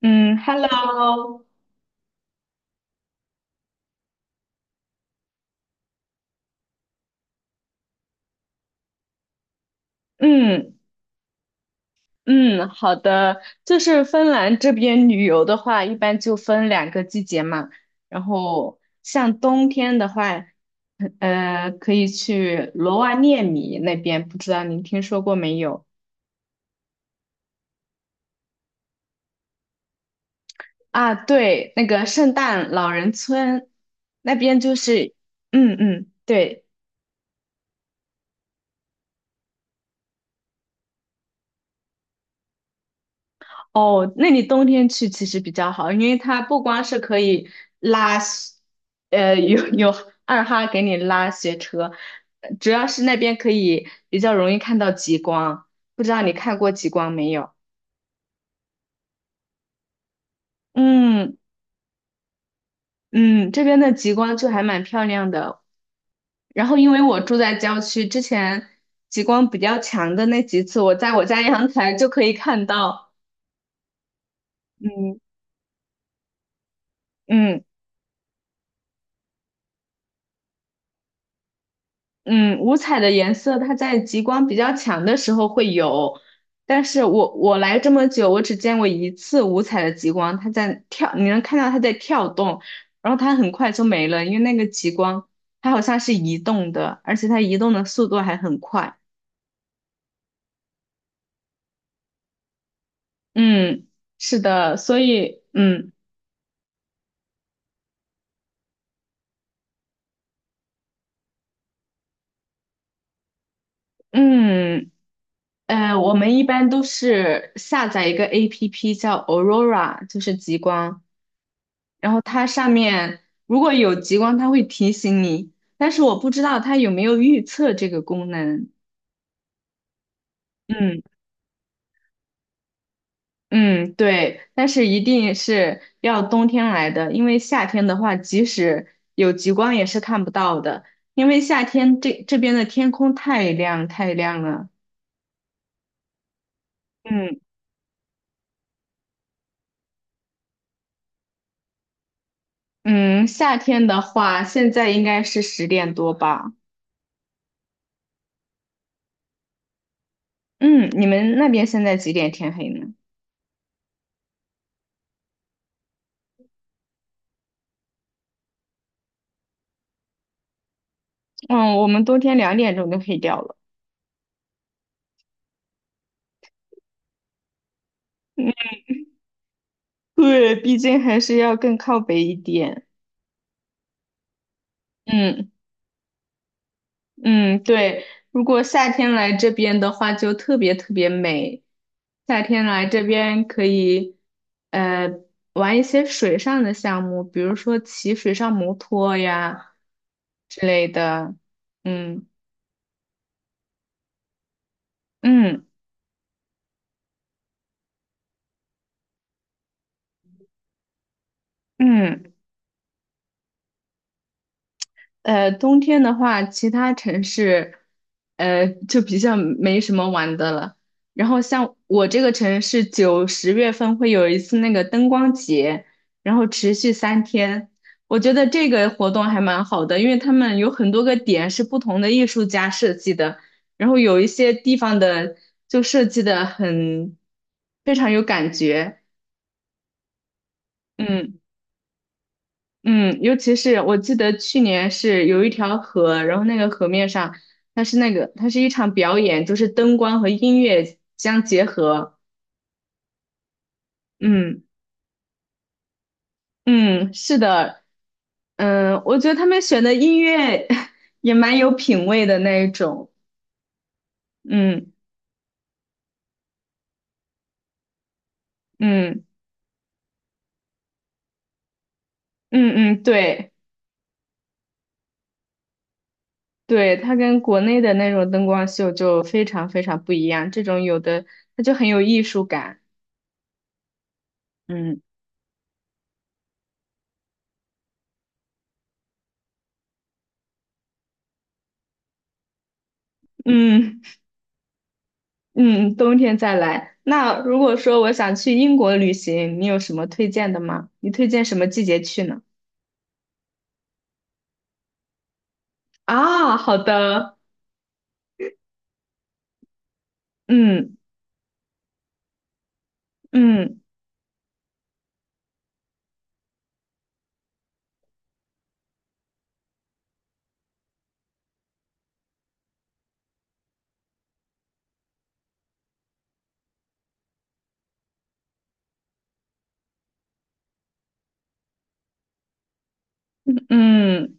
嗯，Hello，嗯嗯，好的，就是芬兰这边旅游的话，一般就分两个季节嘛。然后像冬天的话，可以去罗瓦涅米那边，不知道您听说过没有？啊，对，那个圣诞老人村那边就是，嗯嗯，对。哦，那你冬天去其实比较好，因为它不光是可以拉雪，呃，有有二哈给你拉雪车，主要是那边可以比较容易看到极光。不知道你看过极光没有？嗯嗯，这边的极光就还蛮漂亮的。然后因为我住在郊区，之前极光比较强的那几次，我在我家阳台就可以看到。嗯嗯。嗯，五彩的颜色它在极光比较强的时候会有，但是我来这么久，我只见过一次五彩的极光，它在跳，你能看到它在跳动，然后它很快就没了，因为那个极光它好像是移动的，而且它移动的速度还很快。嗯，是的，所以嗯嗯我们一般都是下载一个 APP 叫 Aurora，就是极光。然后它上面如果有极光，它会提醒你，但是我不知道它有没有预测这个功能。嗯嗯，对，但是一定是要冬天来的，因为夏天的话，即使有极光也是看不到的，因为夏天这边的天空太亮太亮了。嗯嗯，夏天的话，现在应该是10点多吧？嗯，你们那边现在几点天黑呢？嗯，我们冬天2点钟就黑掉了。嗯。对，毕竟还是要更靠北一点。嗯嗯，对，如果夏天来这边的话，就特别特别美。夏天来这边可以，呃，玩一些水上的项目，比如说骑水上摩托呀之类的。嗯嗯嗯。冬天的话，其他城市，就比较没什么玩的了。然后像我这个城市，9、10月份会有一次那个灯光节，然后持续3天。我觉得这个活动还蛮好的，因为他们有很多个点是不同的艺术家设计的，然后有一些地方的就设计的很非常有感觉。嗯。嗯，尤其是我记得去年是有一条河，然后那个河面上，它是那个，它是一场表演，就是灯光和音乐相结合。嗯嗯，是的，嗯，我觉得他们选的音乐 也蛮有品味的那一种。嗯嗯嗯嗯，对对，它跟国内的那种灯光秀就非常非常不一样，这种有的它就很有艺术感。嗯嗯。嗯，冬天再来。那如果说我想去英国旅行，你有什么推荐的吗？你推荐什么季节去呢？啊，好的，嗯嗯嗯，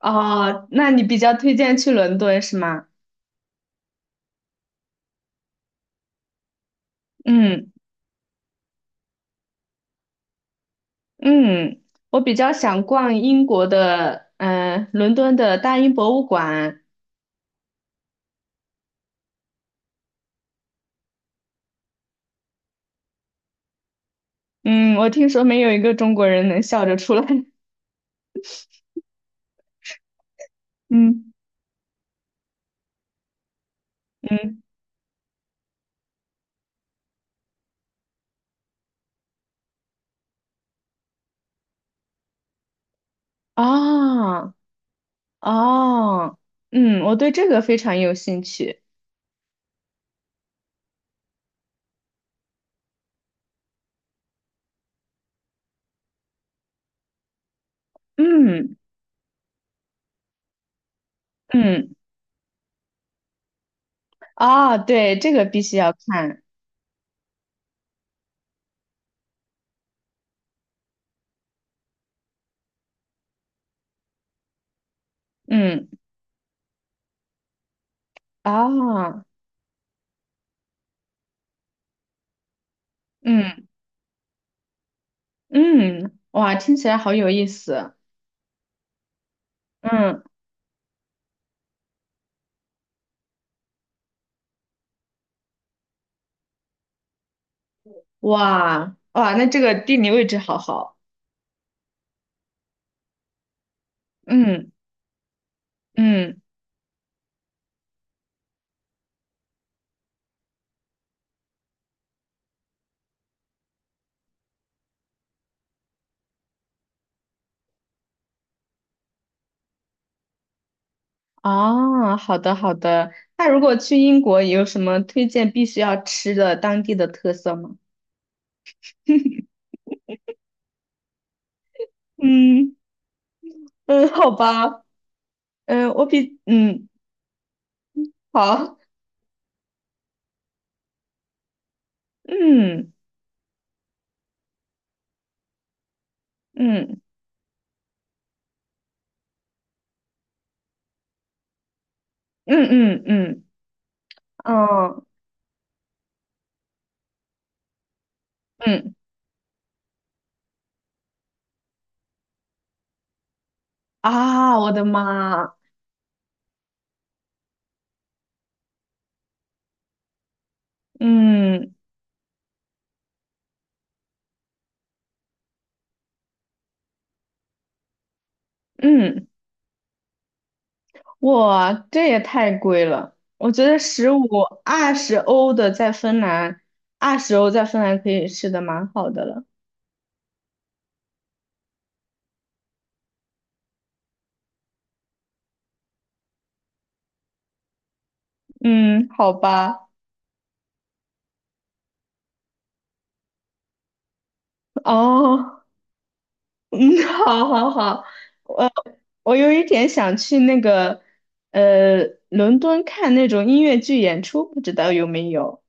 哦，那你比较推荐去伦敦是吗？嗯嗯，我比较想逛英国的，伦敦的大英博物馆。嗯，我听说没有一个中国人能笑着出来。嗯嗯，啊啊，嗯，我对这个非常有兴趣。嗯嗯啊，对，这个必须要看。嗯啊，嗯嗯，哇，听起来好有意思。嗯，哇哇，那这个地理位置好好。嗯嗯，啊，好的好的。那如果去英国，有什么推荐必须要吃的当地的特色吗？嗯 嗯，好吧。嗯，我比嗯好。嗯嗯嗯嗯嗯嗯嗯啊，我的妈！嗯嗯，哇，这也太贵了！我觉得15、20欧的在芬兰，二十欧在芬兰可以吃的蛮好的了。嗯，好吧，哦，嗯，好好好，我我有一点想去那个伦敦看那种音乐剧演出，不知道有没有？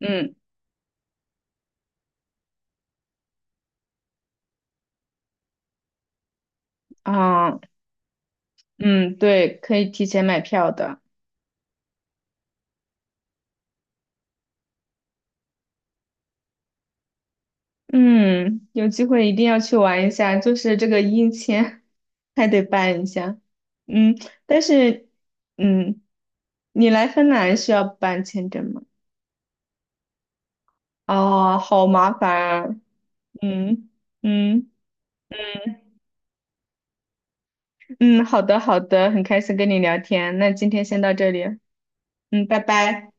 嗯啊，嗯，对，可以提前买票的。嗯，有机会一定要去玩一下，就是这个印签还得办一下。嗯，但是，嗯，你来芬兰需要办签证吗？哦，好麻烦啊。嗯嗯嗯，好的好的，很开心跟你聊天，那今天先到这里，嗯，拜拜。